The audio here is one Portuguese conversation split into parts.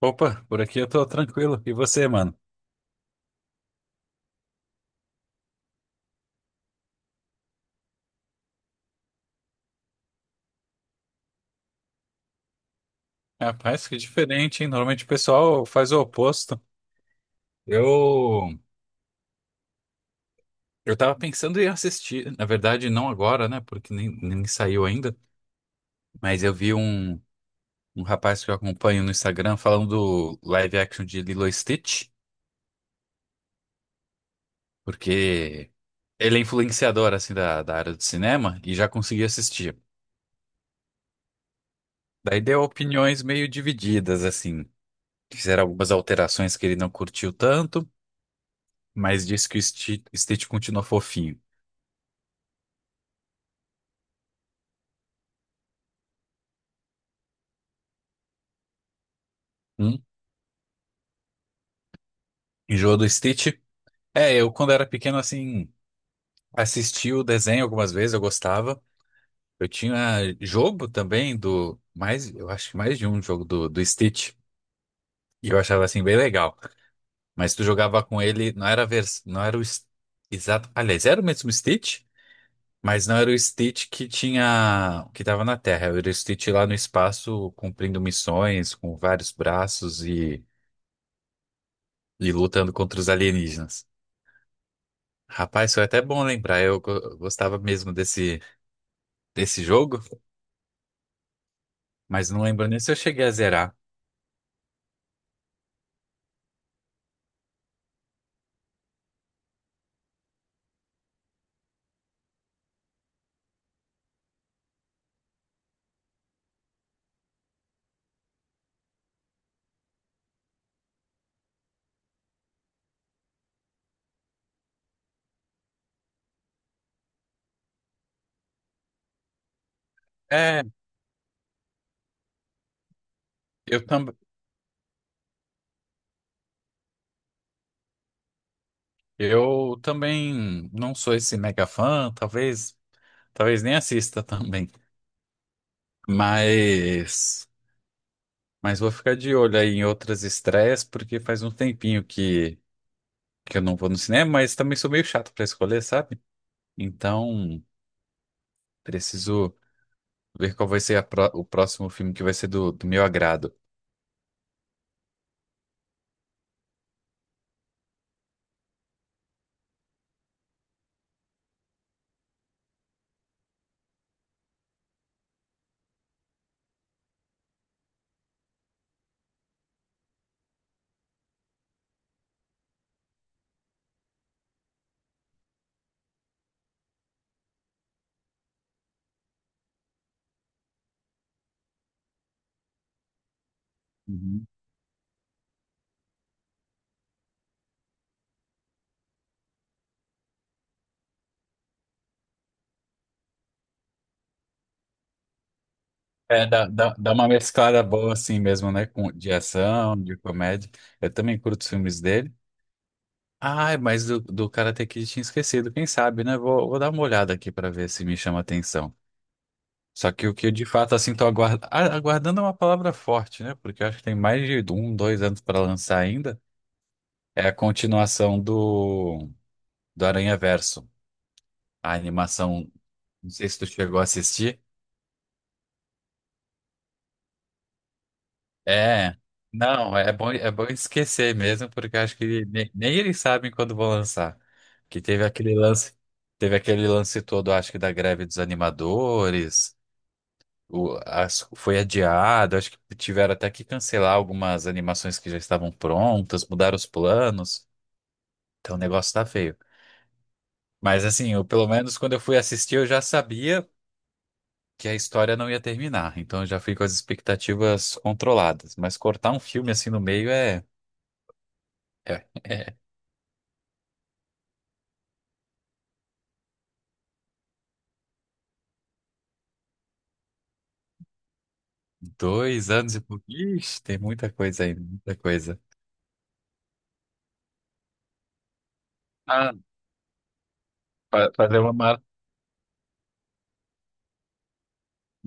Opa, por aqui eu tô tranquilo. E você, mano? Rapaz, que diferente, hein? Normalmente o pessoal faz o oposto. Eu, eu tava pensando em assistir. Na verdade, não agora, né? Porque nem saiu ainda. Mas eu vi um rapaz que eu acompanho no Instagram falando do live action de Lilo e Stitch. Porque ele é influenciador, assim, da área do cinema e já conseguiu assistir. Daí deu opiniões meio divididas, assim. Fizeram algumas alterações que ele não curtiu tanto, mas diz que o Stitch continua fofinho. Hum? Enjoa do Stitch? É, eu quando era pequeno, assim, assisti o desenho algumas vezes, eu gostava. Eu tinha jogo também do, mais, eu acho que mais de um jogo do Stitch, e eu achava, assim, bem legal. Mas tu jogava com ele, não era a vers, não era o exato, aliás, era o mesmo Stitch, mas não era o Stitch que tinha, que tava na Terra, era o Stitch lá no espaço, cumprindo missões, com vários braços e lutando contra os alienígenas. Rapaz, foi até bom lembrar. Eu gostava mesmo desse jogo, mas não lembro nem se eu cheguei a zerar. É, eu, tam, eu também não sou esse mega fã, talvez nem assista também. Mas, mas vou ficar de olho aí em outras estreias, porque faz um tempinho que eu não vou no cinema, mas também sou meio chato pra escolher, sabe? Então, preciso ver qual vai ser a o próximo filme que vai ser do meu agrado. É, dá uma mesclada boa assim mesmo, né? Com, de ação, de comédia. Eu também curto os filmes dele. Ai, mas do Karate Kid tinha esquecido. Quem sabe, né? Vou dar uma olhada aqui pra ver se me chama atenção. Só que o que eu de fato assim tô aguardando é uma palavra forte, né? Porque eu acho que tem mais de dois anos pra lançar ainda. É a continuação do Aranha Verso, a animação. Não sei se tu chegou a assistir. É, não, é bom esquecer mesmo, porque eu acho que nem eles sabem quando vão lançar. Que teve aquele lance todo, acho que da greve dos animadores, foi adiado, acho que tiveram até que cancelar algumas animações que já estavam prontas, mudaram os planos, então o negócio tá feio. Mas assim, pelo menos quando eu fui assistir, eu já sabia que a história não ia terminar, então eu já fui com as expectativas controladas. Mas cortar um filme assim no meio é. É é Dois anos e pouco. Ixi, tem muita coisa ainda, muita coisa. Ah, fazer uma mara.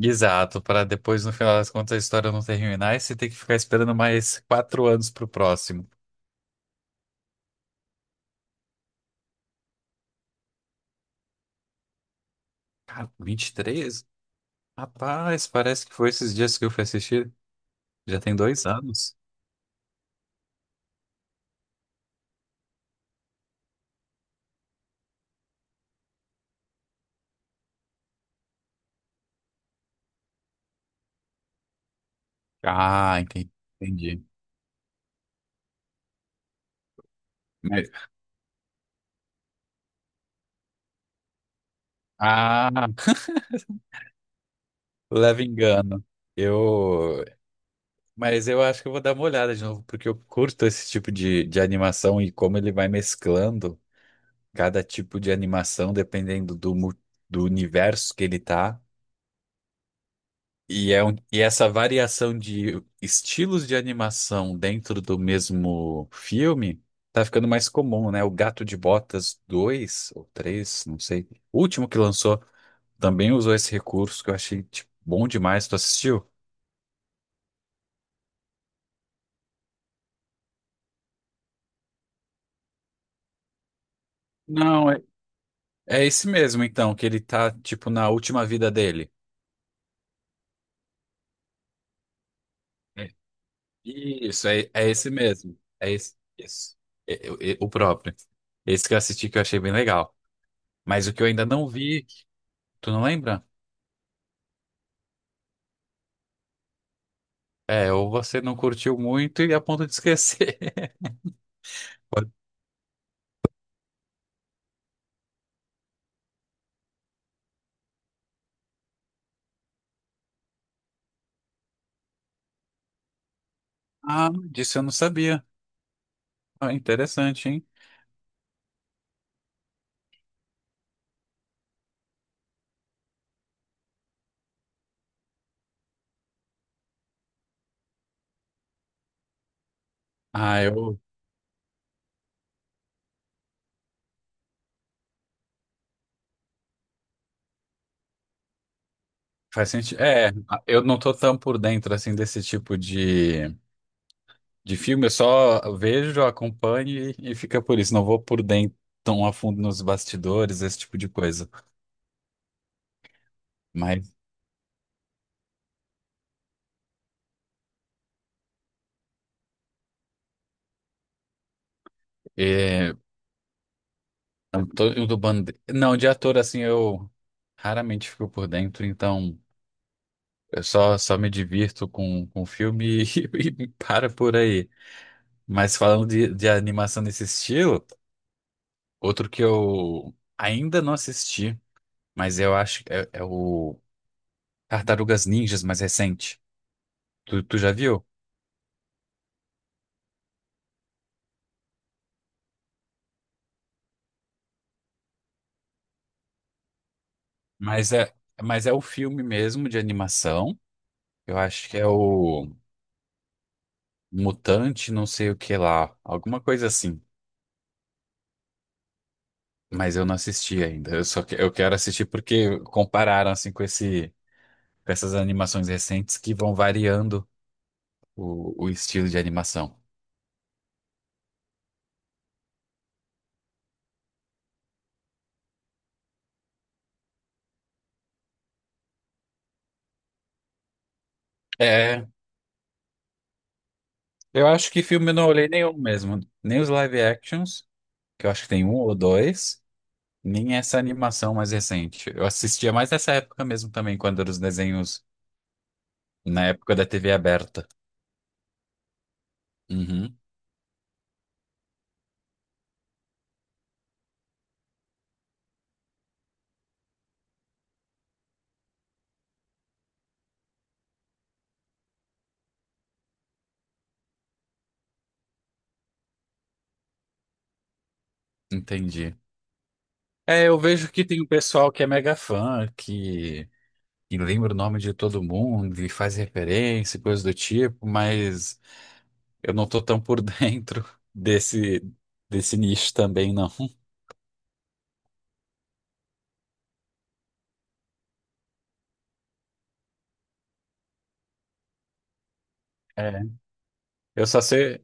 Exato, para depois, no final das contas, a história não terminar e você ter que ficar esperando mais quatro anos pro próximo. Cara, vinte e três. Rapaz, parece que foi esses dias que eu fui assistir. Já tem dois anos. Ah, entendi. Entendi. Mas ah, leva engano. Eu, mas eu acho que eu vou dar uma olhada de novo, porque eu curto esse tipo de animação e como ele vai mesclando. Cada tipo de animação, dependendo do, do universo que ele tá. E, é um, e essa variação de estilos de animação dentro do mesmo filme tá ficando mais comum, né? O Gato de Botas 2 ou 3 não sei. O último que lançou também usou esse recurso que eu achei, tipo, bom demais. Tu assistiu? Não, é. É esse mesmo, então, que ele tá, tipo, na última vida dele. Isso, é, é esse mesmo. É esse, isso. É o próprio. Esse que eu assisti que eu achei bem legal. Mas o que eu ainda não vi, tu não lembra? É, ou você não curtiu muito e a ponto de esquecer. Pode- Ah, disso eu não sabia. Ah, interessante, hein? Ah, eu. Faz sentido. É, eu não tô tão por dentro assim desse tipo de filme, eu só vejo, acompanho e fica por isso. Não vou por dentro tão a fundo nos bastidores, esse tipo de coisa. Mas. É, não, o do bande... Não, de ator, assim, eu raramente fico por dentro, então só me divirto com o filme e para por aí. Mas falando de animação nesse estilo, outro que eu ainda não assisti, mas eu acho que é o Tartarugas Ninjas mais recente. Tu já viu? Mas é, mas é o filme mesmo de animação. Eu acho que é o Mutante, não sei o que lá, alguma coisa assim. Mas eu não assisti ainda. Eu só que, eu quero assistir porque compararam assim com esse com essas animações recentes que vão variando o estilo de animação. É, eu acho que filme eu não olhei nenhum mesmo, nem os live actions, que eu acho que tem um ou dois, nem essa animação mais recente. Eu assistia mais nessa época mesmo também, quando eram os desenhos na época da TV aberta. Uhum, entendi. É, eu vejo que tem um pessoal que é mega fã, que e lembra o nome de todo mundo e faz referência, e coisa do tipo, mas eu não tô tão por dentro desse, desse nicho também, não. É. Eu só sei.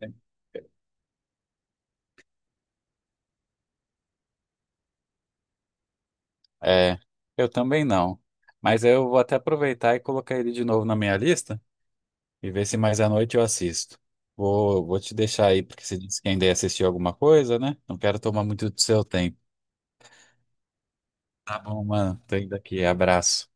É, eu também não. Mas eu vou até aproveitar e colocar ele de novo na minha lista e ver se mais à noite eu assisto. Vou te deixar aí, porque você disse que ainda ia assistir alguma coisa, né? Não quero tomar muito do seu tempo. Tá bom, mano. Tô indo aqui. Abraço.